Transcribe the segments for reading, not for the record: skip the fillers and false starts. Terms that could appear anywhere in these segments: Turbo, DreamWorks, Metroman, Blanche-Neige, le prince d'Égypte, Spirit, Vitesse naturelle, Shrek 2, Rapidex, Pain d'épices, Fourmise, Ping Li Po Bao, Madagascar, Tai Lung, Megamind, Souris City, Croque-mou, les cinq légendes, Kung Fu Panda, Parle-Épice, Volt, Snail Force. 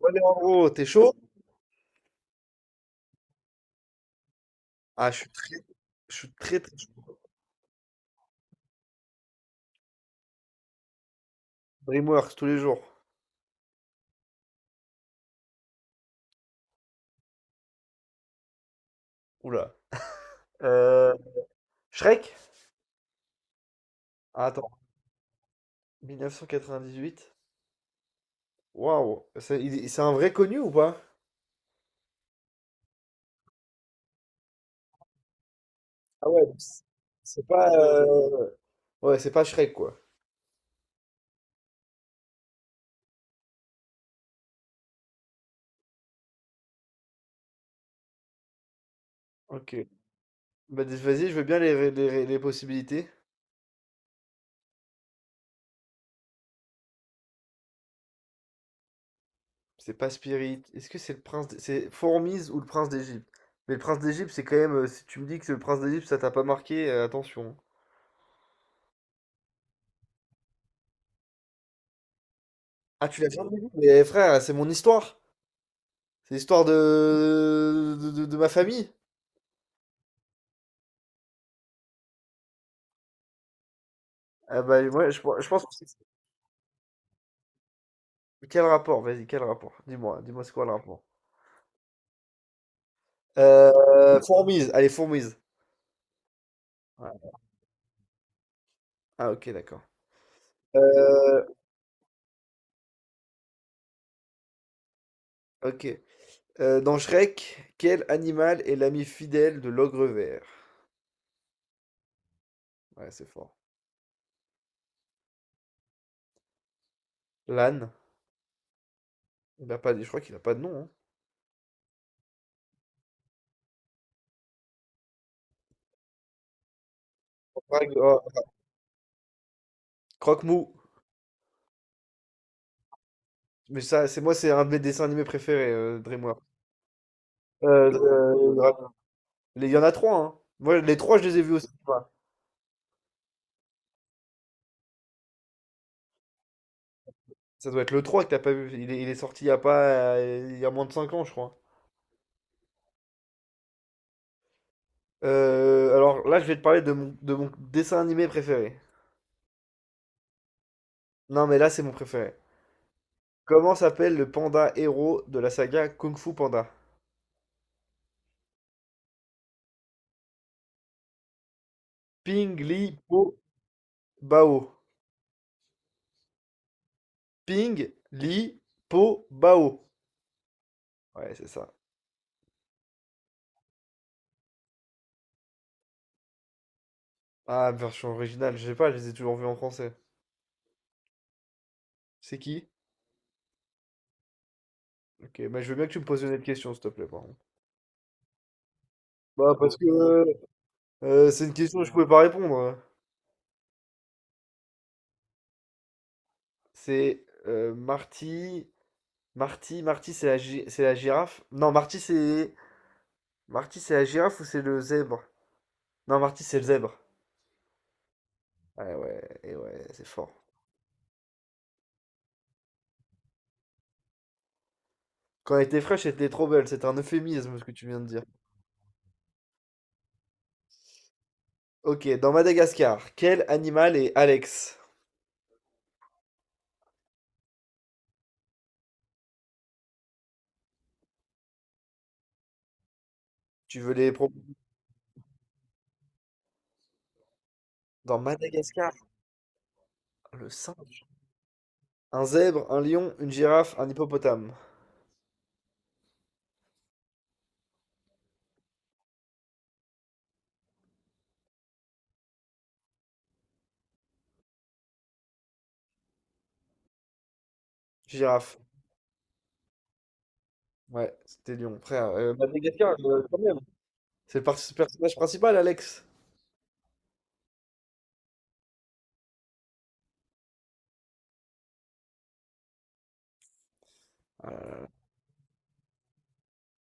Ouais, mais en gros, t'es chaud? Ah, je suis très, très chaud. DreamWorks tous les jours. Oula. Euh, Shrek? Ah, attends. 1998. Waouh. C'est un vrai connu ou pas? Ah ouais, donc c'est pas. Ouais, c'est pas Shrek, quoi. Ok. Bah, dis- vas-y, je veux bien les possibilités. C'est pas Spirit. Est-ce que c'est le prince. D- C'est Fourmise ou le prince d'Égypte? Mais le prince d'Égypte, c'est quand même. Si tu me dis que c'est le prince d'Égypte, ça t'a pas marqué, attention. Ah, tu l'as jamais vu? Mais frère, c'est mon histoire. C'est l'histoire de... De ma famille? Ah bah ouais, je pense que c'est- Quel rapport? Vas-y, quel rapport? Dis-moi, dis-moi c'est quoi le rapport? Fourmise, allez, fourmise. Ouais. Ah ok, d'accord. Euh, ok. Dans Shrek, quel animal est l'ami fidèle de l'ogre vert? Ouais, c'est fort. L'âne. Il a pas, je crois qu'il a pas de nom, hein. Croque- oh, Croque-mou. Mais ça, c'est moi, c'est un de mes dessins animés préférés, DreamWorks. Euh, euh, Il y en a trois, hein. Moi, les trois, je les ai vus aussi. Ça doit être le 3 que t'as pas vu. Il est sorti il y a pas, il y a moins de cinq ans, je crois. Alors là, je vais te parler de de mon dessin animé préféré. Non, mais là, c'est mon préféré. Comment s'appelle le panda héros de la saga Kung Fu Panda? Ping Li Po Bao. Ping Li Po Bao. Ouais, c'est ça. Ah, version originale, je sais pas, je les ai toujours vus en français. C'est qui? Ok, mais je veux bien que tu me poses une autre question, s'il te plaît, par contre. Bah, parce que c'est une question que je pouvais pas répondre, hein. C'est Marty. Marty c'est la, gi- c'est la girafe. Non, Marty c'est la girafe ou c'est le zèbre? Non, Marty c'est le zèbre. Ouais, ouais, et ouais, c'est fort. Quand elle était fraîche, elle était trop belle. C'est un euphémisme ce que tu viens de dire. Ok, dans Madagascar, quel animal est Alex? Tu veux les pro... Dans Madagascar, le singe. Un zèbre, un lion, une girafe, un hippopotame. Girafe. Ouais, c'était lion, frère. Madagascar, quand même. C'est le par- personnage principal, Alex. Ah,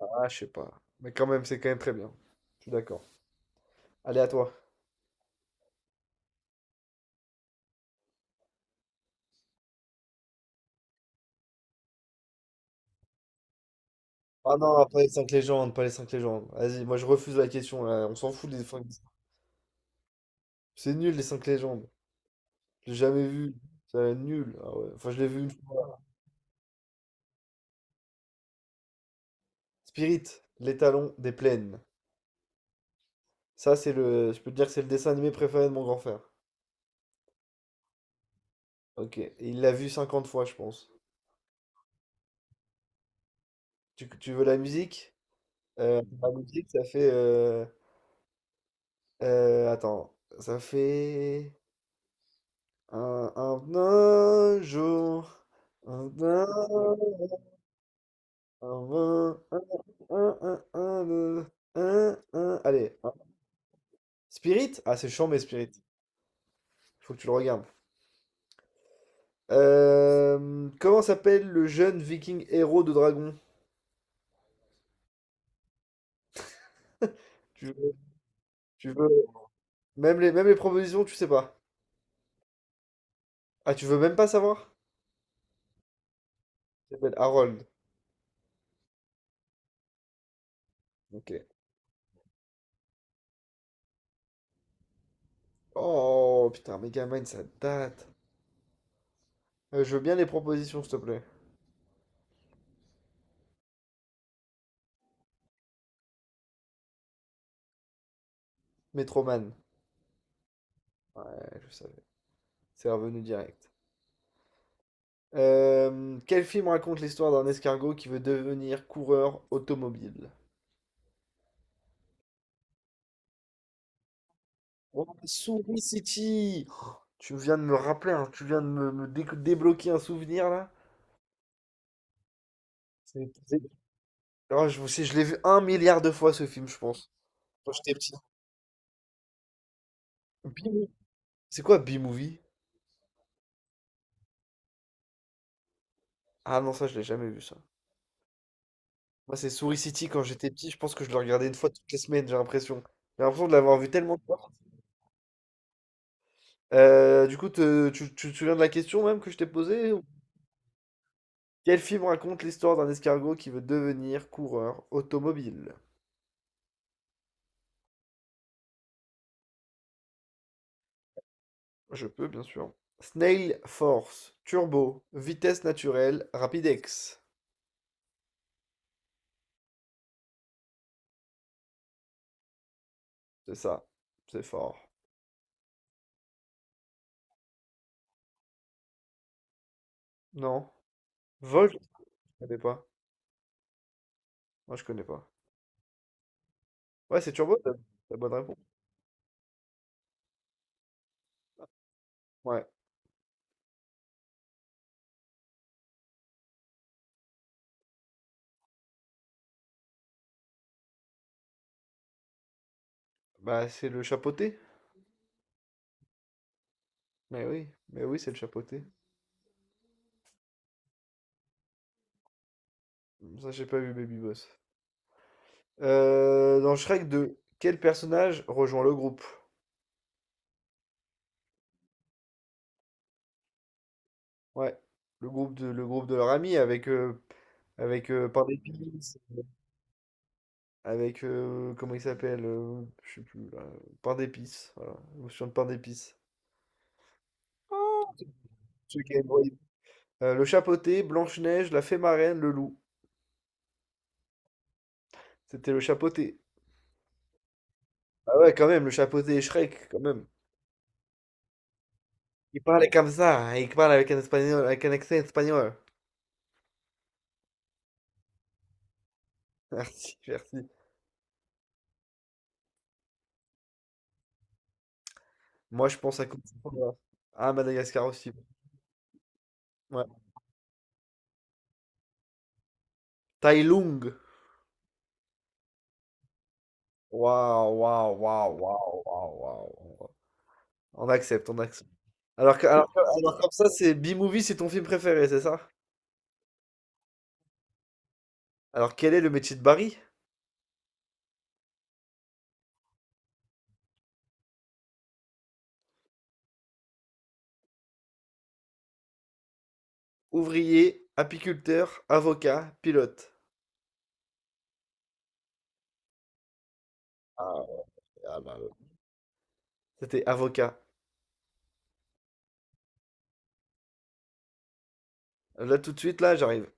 là là, je sais pas. Mais quand même, c'est quand même très bien. Je suis d'accord. Allez, à toi. Ah non, pas les cinq légendes, pas les cinq légendes. Vas-y, moi je refuse la question là. On s'en fout des cinq C'est nul les cinq légendes. J'ai jamais vu. C'est nul. Ah ouais. Enfin, je l'ai vu une fois. Spirit, l'étalon des plaines. Ça, c'est le. Je peux te dire que c'est le dessin animé préféré de mon grand frère. Ok. Et Il l'a vu cinquante fois, je pense. Tu veux la musique? La musique, ça fait. Attends. Ça fait. Un, un, un jour. Un, un Un, un, un, un, deux, un, un. Allez, un. Spirit? Ah, c'est chiant, mais Spirit. Faut que tu le regardes. Comment s'appelle le jeune viking héros de dragon? Tu veux, tu veux... même les propositions, tu sais pas. Ah, tu veux même pas savoir? Il s'appelle Harold. Ok. Oh, putain, Megamind, ça date. Je veux bien les propositions, s'il te plaît. Metroman. Ouais, je savais. C'est revenu direct. Quel film raconte l'histoire d'un escargot qui veut devenir coureur automobile? Oh, Souris City! Oh, tu viens de me rappeler, hein, tu viens de me dé- débloquer un souvenir là. C'est- Oh, sais, je l'ai vu un milliard de fois ce film, je pense. Quand j'étais petit. B-Movie. C'est quoi B-Movie? Ah non, ça je l'ai jamais vu ça. Moi c'est Souris City quand j'étais petit, je pense que je le regardais une fois toutes les semaines, j'ai l'impression. J'ai l'impression de l'avoir vu tellement de fois. Du coup, te- tu te souviens de la question même que je t'ai posée? Ou- Quel film raconte l'histoire d'un escargot qui veut devenir coureur automobile? Je peux, bien sûr. Snail Force, Turbo, Vitesse naturelle, Rapidex. C'est ça. C'est fort. Non. Volt, je connais pas. Moi, je connais pas. Ouais, c'est Turbo, la la bonne réponse. Ouais. Bah, c'est le chapeauté. Mais oui, c'est le chapeauté. Ça, j'ai pas vu Baby Boss. Dans Shrek 2, quel personnage rejoint le groupe? Ouais. Le groupe de leur ami avec, avec Parle-Épice. Avec, comment il s'appelle Je sais plus, là. Pain d'épices. Voilà, je de pain d'épices. Ceux qui avaient le royaume. Le chapeauté, Blanche-Neige, la fée marraine, le loup. C'était le chapeauté. Ah ouais, quand même, le chapeauté et Shrek, quand même. Il parlait comme ça, hein, il parle avec un espagnol, avec un accent espagnol. Merci, merci. Moi, je pense à Côte d'Ivoire. Ah, Madagascar aussi. Ouais. Tai Lung. Waouh, waouh, waouh, waouh, waouh, waouh, waouh. On accepte, on accepte. Alors, que- alors, que- alors comme ça, c'est B-Movie, c'est ton film préféré, c'est ça? Alors, quel est le métier de Barry? Ouvrier, apiculteur, avocat, pilote. Ah ouais, ah bah ouais. C'était avocat. Là, tout de suite, là, j'arrive.